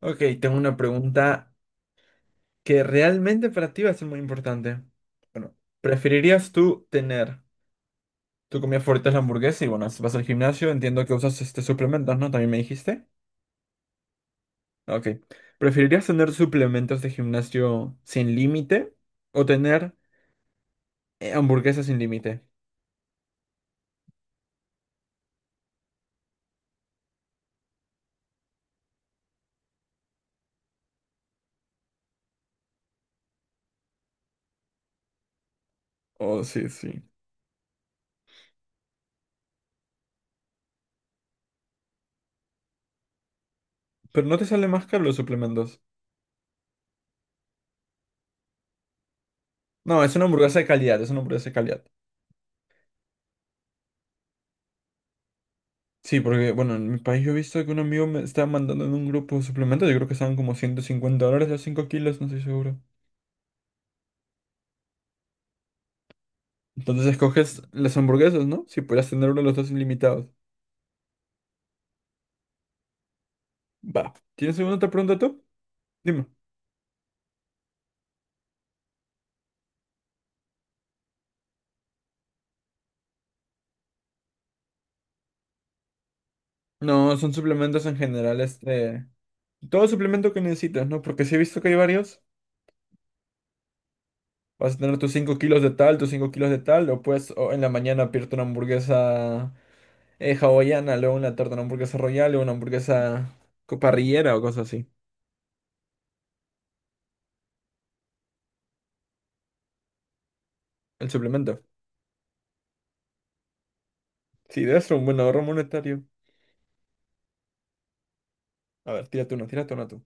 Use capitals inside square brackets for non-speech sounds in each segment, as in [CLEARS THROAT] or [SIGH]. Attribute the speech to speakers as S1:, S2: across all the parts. S1: Ok, tengo una pregunta que realmente para ti va a ser muy importante. Bueno, ¿preferirías tú tener tu comida favorita es la hamburguesa y bueno, si vas al gimnasio, entiendo que usas este suplementos, ¿no? También me dijiste. Ok. ¿Preferirías tener suplementos de gimnasio sin límite o tener hamburguesas sin límite? Oh, sí, sí. Pero no te sale más caro los suplementos. No, es una hamburguesa de calidad, es una hamburguesa de calidad. Sí, porque, bueno, en mi país yo he visto que un amigo me estaba mandando en un grupo suplemento, yo creo que estaban como $150 los 5 kilos, no estoy seguro. Entonces escoges las hamburguesas, ¿no? Si podías tener uno de los dos ilimitados. Va. ¿Tienes alguna otra pregunta tú? Dime. No, son suplementos en general, este... Todo suplemento que necesitas, ¿no? Porque si he visto que hay varios, vas a tener tus 5 kilos de tal, tus 5 kilos de tal, o puedes o en la mañana pedirte una hamburguesa hawaiana, luego en la tarde una hamburguesa royal, luego una hamburguesa co- parrillera o cosas así. El suplemento. Sí, debe ser un buen ahorro monetario. A ver, tírate una tú.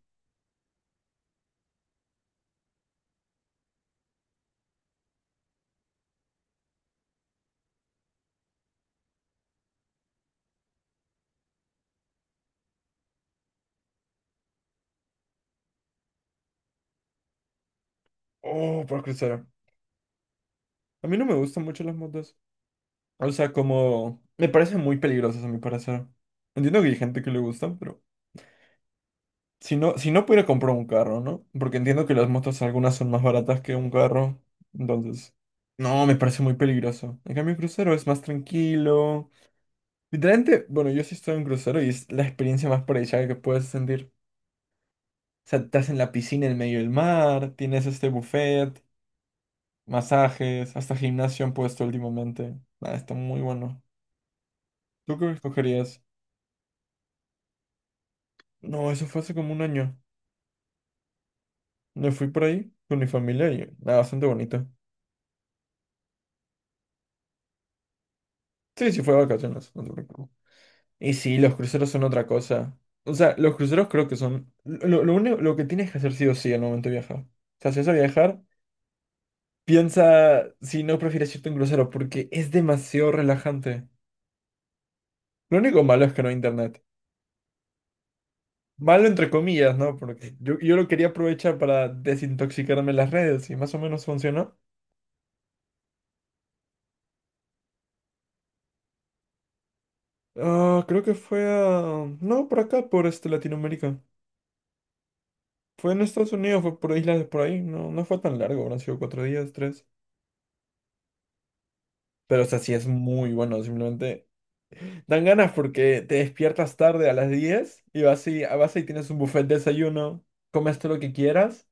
S1: Oh, por cruzar. A mí no me gustan mucho las motos. O sea, como... Me parecen muy peligrosas a mi parecer. Entiendo que hay gente que le gustan, pero... Si no, si no pudiera comprar un carro, ¿no? Porque entiendo que las motos algunas son más baratas que un carro. Entonces... No, me parece muy peligroso. En cambio, un crucero es más tranquilo. Literalmente, bueno, yo sí estoy en un crucero y es la experiencia más paradisíaca que puedes sentir. O sea, estás en la piscina en medio del mar, tienes este buffet. Masajes, hasta gimnasio han puesto últimamente. Ah, está muy bueno. ¿Tú qué escogerías? No, eso fue hace como un año. Me fui por ahí con mi familia y nada, bastante bonito. Sí, sí, fue de vacaciones, no te preocupes. Y sí, los cruceros son otra cosa. O sea, los cruceros creo que son lo único lo que tienes que hacer sí o sí al momento de viajar. O sea, si vas a viajar, piensa si no prefieres irte a un crucero porque es demasiado relajante. Lo único malo es que no hay internet. Malo entre comillas, ¿no? Porque yo lo quería aprovechar para desintoxicarme las redes y más o menos funcionó. Ah, creo que fue a... No, por acá, por este Latinoamérica. Fue en Estados Unidos, fue por islas de por ahí. No, no fue tan largo, habrán sido 4 días, tres. Pero, o sea, sí es muy bueno, simplemente... Dan ganas porque te despiertas tarde a las 10 y vas y, vas y tienes un buffet de desayuno, comes todo lo que quieras.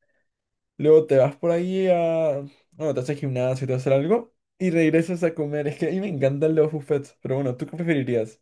S1: Luego te vas por ahí a... Bueno, te haces gimnasio, te haces algo y regresas a comer. Es que a mí me encantan los buffets, pero bueno, ¿tú qué preferirías?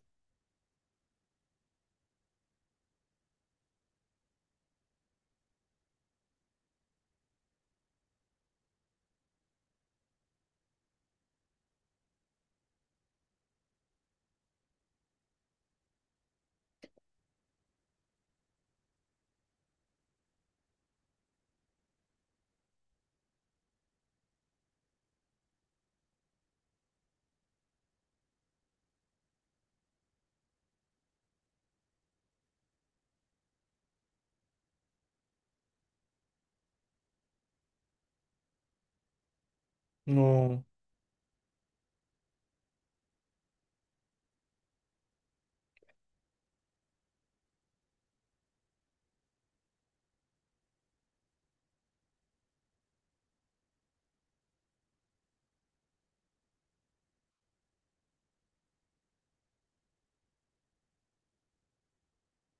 S1: No,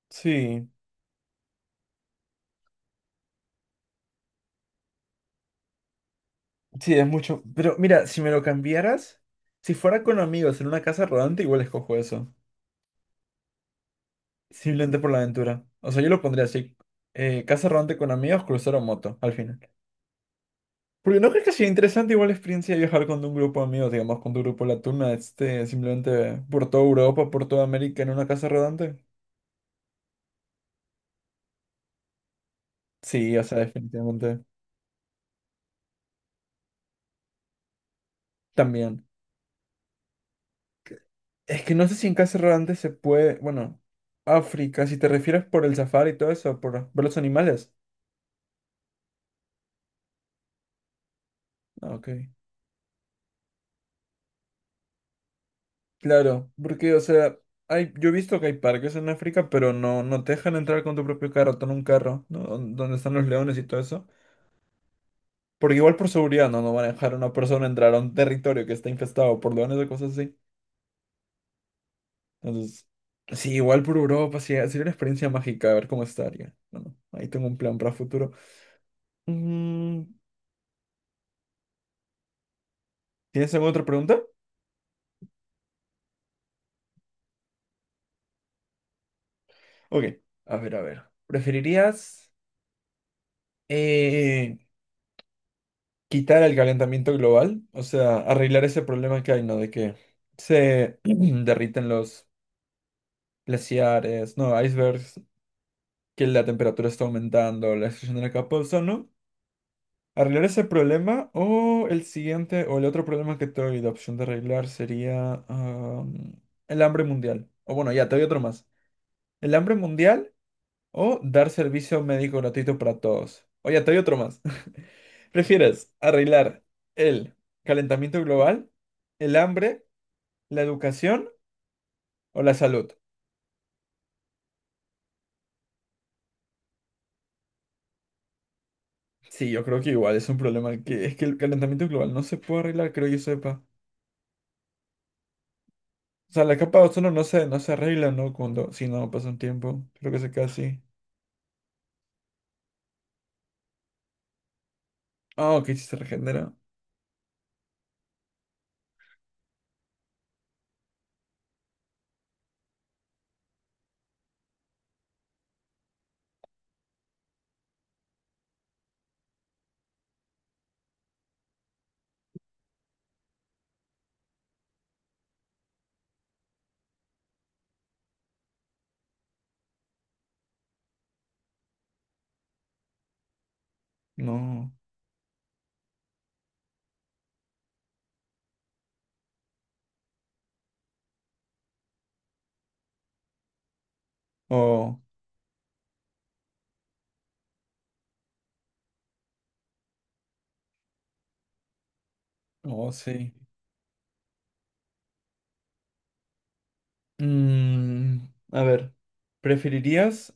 S1: sí, sí, es mucho. Pero mira, si me lo cambiaras, si fuera con amigos en una casa rodante, igual escojo eso. Simplemente por la aventura. O sea, yo lo pondría así. Casa rodante con amigos, crucero o moto, al final. Porque no crees que sea interesante igual la experiencia de viajar con un grupo de amigos, digamos, con tu grupo La Tuna, este, simplemente por toda Europa, por toda América en una casa rodante. Sí, o sea, definitivamente. También. Es que no sé si en casa rodante se puede. Bueno, África, si te refieres por el safari y todo eso, por ver los animales. Ah, ok. Claro, porque, o sea, hay, yo he visto que hay parques en África, pero no, no te dejan entrar con tu propio carro, con un carro, ¿no? Don- Donde están los leones y todo eso. Porque igual por seguridad no, no van a dejar a una persona entrar a un territorio que está infestado por leones o cosas así. Entonces, sí, igual por Europa, sí, sería una experiencia mágica, a ver cómo estaría. Bueno, ahí tengo un plan para futuro. Mm, ¿tienes alguna otra pregunta? Ok, a ver, a ver. ¿Preferirías eh, quitar el calentamiento global? O sea, arreglar ese problema que hay, ¿no? De que se [CLEARS THROAT] derriten los glaciares, no, icebergs, que la temperatura está aumentando, la destrucción de la capa de ozono. ¿Arreglar ese problema o el siguiente o el otro problema que te doy de opción de arreglar sería el hambre mundial? O bueno, ya, te doy otro más. El hambre mundial. O dar servicio médico gratuito para todos. Oye, te doy otro más. [LAUGHS] ¿Prefieres arreglar el calentamiento global, el hambre, la educación o la salud? Sí, yo creo que igual es un problema que es que el calentamiento global no se puede arreglar, creo yo sepa. O sea, la capa de ozono no se arregla, ¿no? Cuando, si no pasa un tiempo. Creo que se queda así. Ah, ok, si se regenera. No. Oh, oh, sí. Mm, a ver, ¿preferirías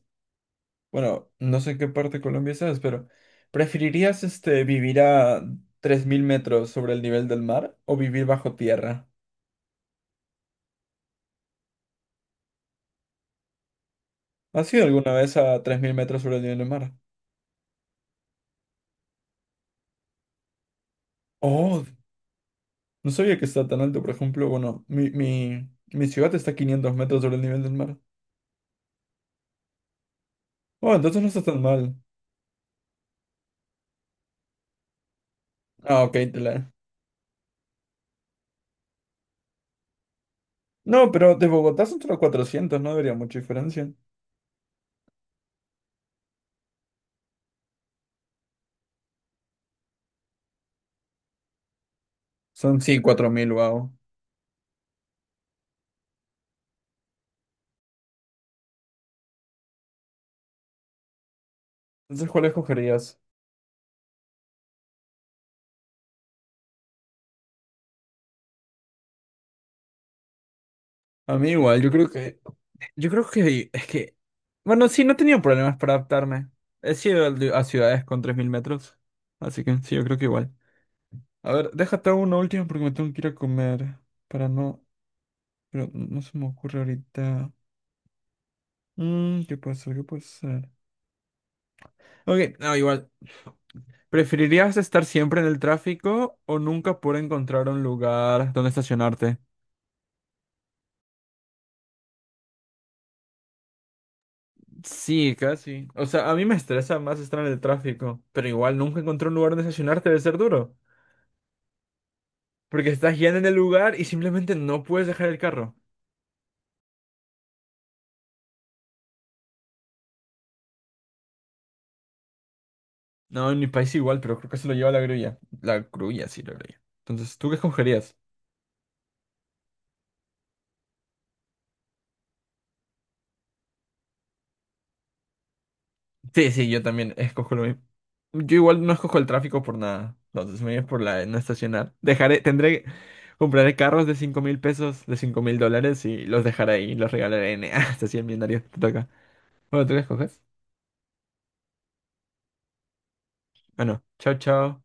S1: bueno, no sé en qué parte de Colombia estás, pero ¿preferirías este vivir a 3000 metros sobre el nivel del mar o vivir bajo tierra? ¿Has ido alguna vez a 3000 metros sobre el nivel del mar? Oh, no sabía que está tan alto, por ejemplo, bueno, mi ciudad está a 500 metros sobre el nivel del mar. Oh, entonces no está tan mal. Ah, ok, te la... No, pero de Bogotá son solo 400, no debería mucha diferencia. Son sí, 4000, wow. Entonces, ¿cuál escogerías? A mí igual, yo creo que yo creo que es que, bueno, sí, no he tenido problemas para adaptarme. He sido a ciudades con 3000 metros, así que sí, yo creo que igual. A ver, déjate hago una última porque me tengo que ir a comer para no, pero no se me ocurre ahorita. Mm, ¿qué puede ser? ¿Qué puede ser? Ok, no, igual. ¿Preferirías estar siempre en el tráfico o nunca poder encontrar un lugar donde estacionarte? Sí, casi. O sea, a mí me estresa más estar en el tráfico, pero igual nunca encontrar un lugar donde estacionarte debe ser duro. Porque estás guiando en el lugar y simplemente no puedes dejar el carro. No, en mi país igual, pero creo que se lo lleva la grulla. La grulla, sí, la grulla. Entonces, ¿tú qué escogerías? Sí, sí, yo también escojo lo mismo. Yo igual no escojo el tráfico por nada. Entonces, me voy por la de no estacionar. Dejaré, tendré, compraré carros de 5000 pesos, de $5000 y los dejaré ahí, los regalaré en, [LAUGHS] hasta 100 millonarios. Te toca. Bueno, ¿tú qué escoges? Bueno, chao, chao.